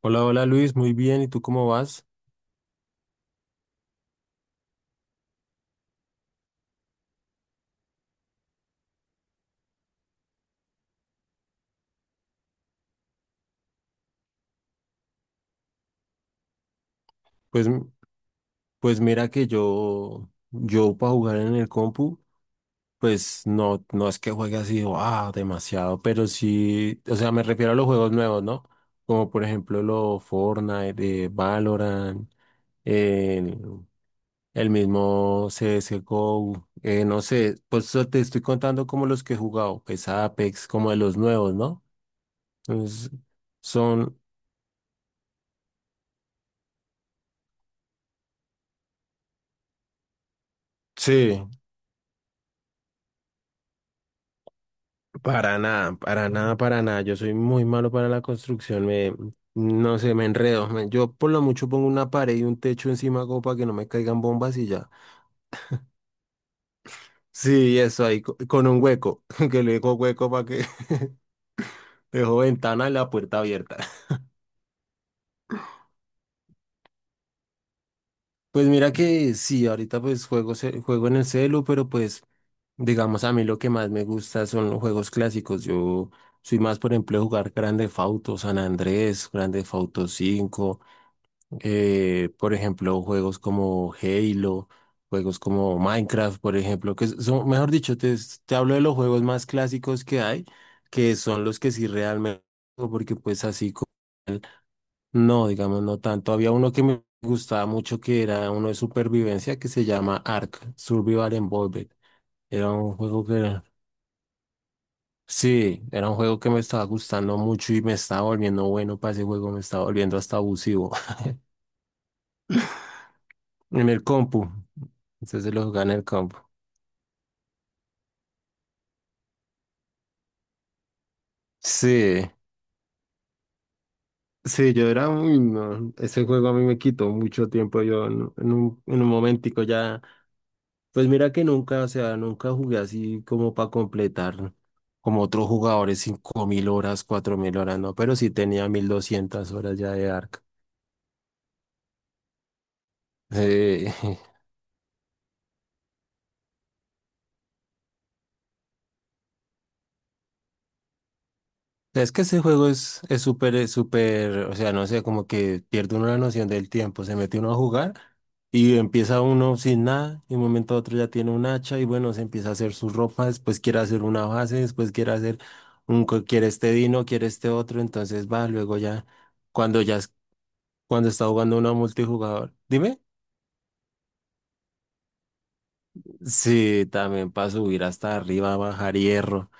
Hola, hola Luis, muy bien. ¿Y tú cómo vas? Pues, pues mira que yo para jugar en el compu, pues no, no es que juegue así, demasiado, pero sí, o sea, me refiero a los juegos nuevos, ¿no? Como por ejemplo los Fortnite, Valorant, el, el mismo CSGO, no sé, pues te estoy contando como los que he jugado, pues Apex, como de los nuevos, ¿no? Entonces, son, sí. Para nada, para nada, para nada. Yo soy muy malo para la construcción. Me, no sé, me enredo. Yo por lo mucho pongo una pared y un techo encima como para que no me caigan bombas y ya. Sí, eso ahí, con un hueco, que le dejo hueco para que dejo ventana y la puerta abierta. Pues mira que sí, ahorita pues juego, juego en el celu, pero pues digamos a mí lo que más me gusta son los juegos clásicos. Yo soy más, por ejemplo, de jugar Grand Theft Auto, San Andrés, Grand Theft Auto cinco. Por ejemplo, juegos como Halo, juegos como Minecraft, por ejemplo, que son, mejor dicho, te hablo de los juegos más clásicos que hay, que son los que sí realmente, juego, porque pues así, no, digamos, no tanto. Había uno que me gustaba mucho, que era uno de supervivencia, que se llama Ark, Survival Involved. Era un juego que era, sí, era un juego que me estaba gustando mucho y me estaba volviendo bueno para ese juego, me estaba volviendo hasta abusivo en el compu. Entonces lo jugaba en el compu. Sí, sí, yo era muy... No, ese juego a mí me quitó mucho tiempo, yo en un momentico ya, pues mira que nunca, o sea, nunca jugué así como para completar como otros jugadores 5000 horas, 4000 horas, no, pero sí tenía 1200 horas ya de Ark. Sí. Es que ese juego es súper, es súper, o sea, no sé, como que pierde uno la noción del tiempo, se mete uno a jugar y empieza uno sin nada, y de un momento a otro ya tiene un hacha y bueno, se empieza a hacer su ropa, después quiere hacer una base, después quiere hacer quiere este dino, quiere este otro, entonces va, luego ya, cuando ya, cuando está jugando uno a multijugador, dime. Sí, también para subir hasta arriba, bajar hierro.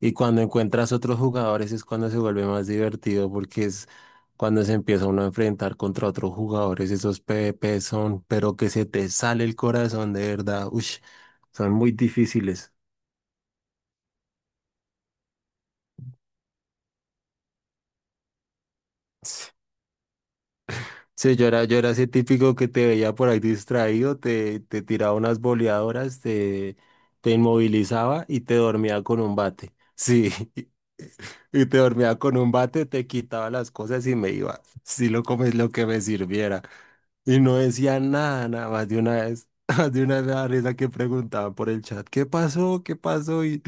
Y cuando encuentras otros jugadores es cuando se vuelve más divertido porque es cuando se empieza uno a enfrentar contra otros jugadores. Esos PvP son, pero que se te sale el corazón de verdad. Ush, son muy difíciles. Sí, yo era ese típico que te veía por ahí distraído, te tiraba unas boleadoras, te inmovilizaba y te dormía con un bate. Sí, y te dormía con un bate, te quitaba las cosas y me iba. Sí, lo comes lo que me sirviera. Y no decía nada, nada más de una vez. Más de una vez me daba risa que preguntaban por el chat, ¿qué pasó? ¿Qué pasó? Y,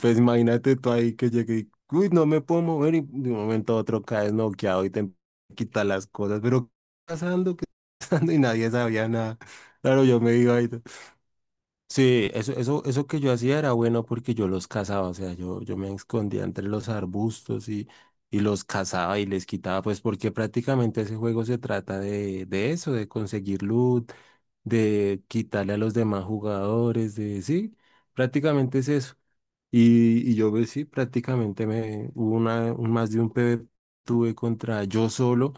pues imagínate tú ahí que llegué y, uy, no me puedo mover y de un momento a otro caes noqueado y te quitan las cosas, pero ¿qué está pasando? ¿Qué está pasando? Y nadie sabía nada. Claro, yo me iba ahí. Sí, eso que yo hacía era bueno porque yo los cazaba, o sea, yo me escondía entre los arbustos y los cazaba y les quitaba, pues porque prácticamente ese juego se trata de, eso, de conseguir loot, de quitarle a los demás jugadores, de sí. Prácticamente es eso. Y yo pues, sí, prácticamente me hubo más de un PvP tuve contra yo solo,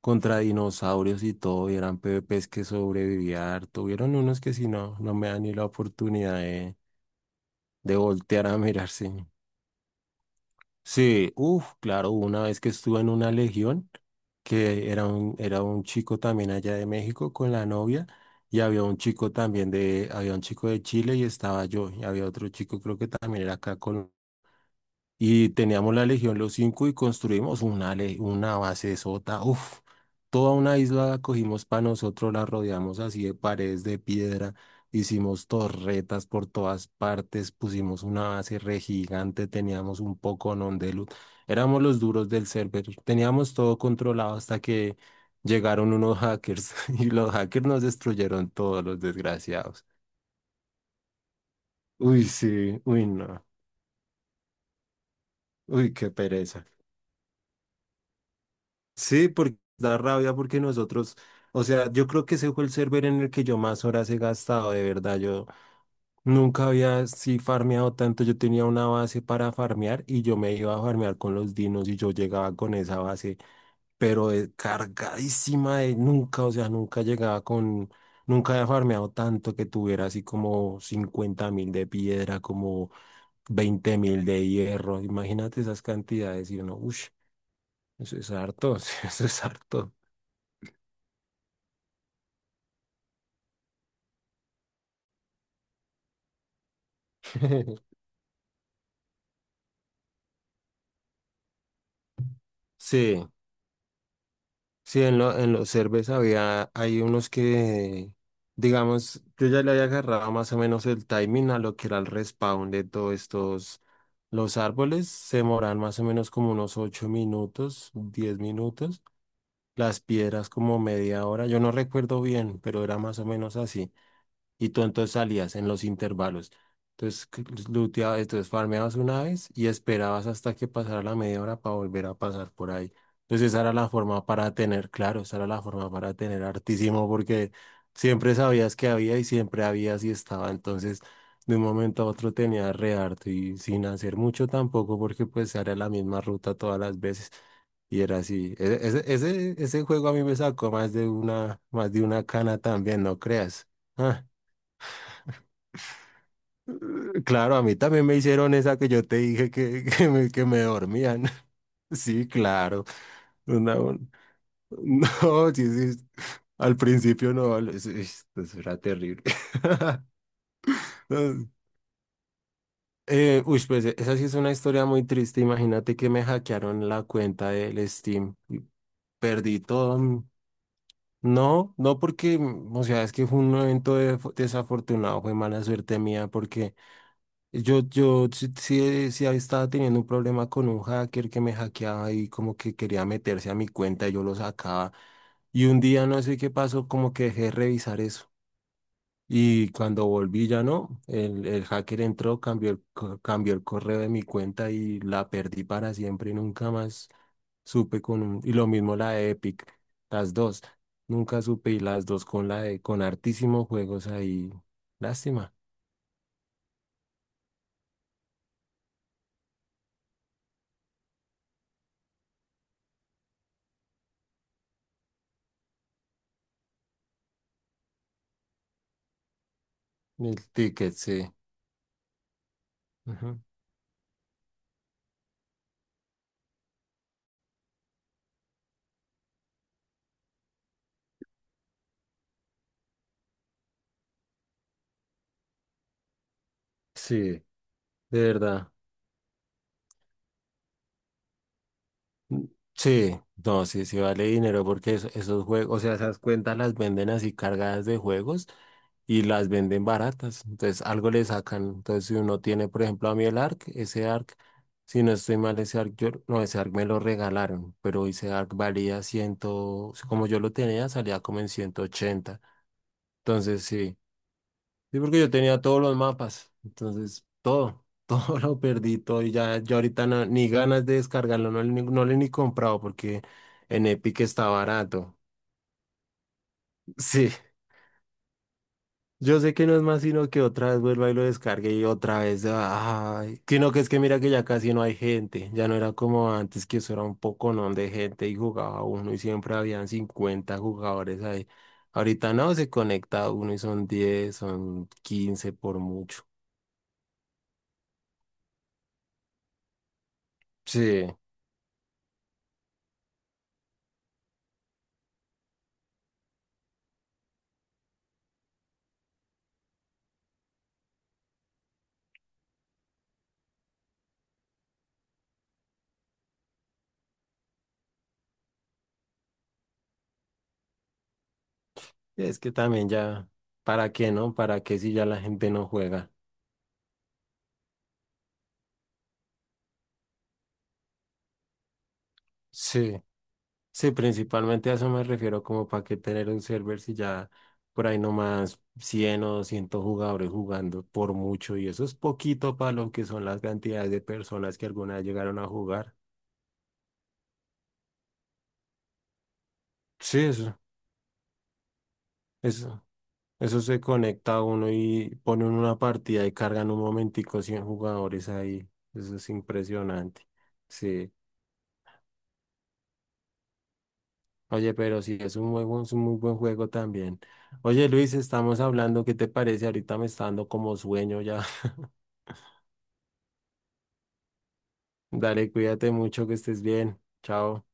contra dinosaurios y todo, y eran PvPs que sobrevivía harto. Hubieron unos que si no, no me dan ni la oportunidad de voltear a mirarse. Sí, uff, claro, hubo una vez que estuve en una legión, que era un chico también allá de México con la novia, y había un chico también de, había un chico de Chile y estaba yo, y había otro chico creo que también era acá. Y teníamos la Legión Los Cinco y construimos una base sota, uff, toda una isla cogimos para nosotros, la rodeamos así de paredes de piedra, hicimos torretas por todas partes, pusimos una base re gigante, teníamos un poco de luz, éramos los duros del server, teníamos todo controlado hasta que llegaron unos hackers y los hackers nos destruyeron todos los desgraciados. Uy, sí, uy, no, uy, qué pereza. Sí, porque da rabia porque nosotros, o sea, yo creo que ese fue el server en el que yo más horas he gastado, de verdad. Yo nunca había así farmeado tanto. Yo tenía una base para farmear y yo me iba a farmear con los dinos y yo llegaba con esa base, pero cargadísima de nunca, o sea, nunca llegaba con, nunca había farmeado tanto que tuviera así como 50.000 de piedra, como 20.000 de hierro. Imagínate esas cantidades y uno, uff, eso es harto, eso es harto. Sí, sí, en los cervezas había, hay unos que, digamos, yo ya le había agarrado más o menos el timing a lo que era el respawn de todos estos, los árboles se demoran más o menos como unos 8 minutos, 10 minutos, las piedras como media hora, yo no recuerdo bien, pero era más o menos así. Y tú entonces salías en los intervalos. Entonces, looteabas, entonces farmeabas una vez y esperabas hasta que pasara la media hora para volver a pasar por ahí. Entonces, esa era la forma para tener, claro, esa era la forma para tener hartísimo porque siempre sabías que había y siempre había si estaba. Entonces, de un momento a otro tenía re harto y sin hacer mucho tampoco porque pues era la misma ruta todas las veces. Y era así. Ese juego a mí me sacó más de una cana también, no creas. Ah, claro, a mí también me hicieron esa que yo te dije que, que me dormían. Sí, claro. Una- un- No, sí, sí. Al principio no, eso era terrible. Uy, pues esa sí es una historia muy triste. Imagínate que me hackearon la cuenta del Steam y perdí todo. No, no porque, o sea, es que fue un evento desafortunado, fue mala suerte mía porque yo sí, sí, sí estaba teniendo un problema con un hacker que me hackeaba y como que quería meterse a mi cuenta y yo lo sacaba. Y un día no sé qué pasó, como que dejé de revisar eso. Y cuando volví ya no, el hacker entró, cambió el correo de mi cuenta y la perdí para siempre y nunca más supe con un... Y lo mismo la de Epic, las dos. Nunca supe y las dos con la de, con hartísimos juegos ahí. Lástima. El ticket, sí. Ujú. Sí. De verdad. Mm. Sí, no, sí, sí vale dinero porque esos juegos, o sea, esas cuentas las venden así cargadas de juegos y las venden baratas. Entonces, algo le sacan. Entonces, si uno tiene, por ejemplo, a mí el ARC, ese ARC, si no estoy mal, ese ARC, yo, no, ese ARC me lo regalaron, pero ese ARC valía 100, como yo lo tenía, salía como en 180. Entonces, sí. Sí, porque yo tenía todos los mapas, entonces todo, todo lo perdí, todo y ya yo ahorita ni ganas de descargarlo, no, le ni- no lo he ni comprado porque en Epic está barato. Sí, yo sé que no es más sino que otra vez vuelva y lo descargue y otra vez, ay, sino que es que mira que ya casi no hay gente, ya no era como antes que eso era un poconón de gente y jugaba uno y siempre habían 50 jugadores ahí. Ahorita no, se conecta uno y son 10, son 15 por mucho. Sí. Es que también ya, ¿para qué, no? ¿Para qué si ya la gente no juega? Sí, sí, principalmente a eso me refiero, como para qué tener un server si ya por ahí nomás 100 o 200 jugadores jugando por mucho y eso es poquito para lo que son las cantidades de personas que alguna vez llegaron a jugar. Sí, eso, eso se conecta a uno y ponen una partida y cargan un momentico 100 jugadores ahí. Eso es impresionante. Sí. Oye, pero sí, es un juego, es un muy buen juego también. Oye, Luis, estamos hablando, ¿qué te parece? Ahorita me está dando como sueño ya. Dale, cuídate mucho, que estés bien. Chao.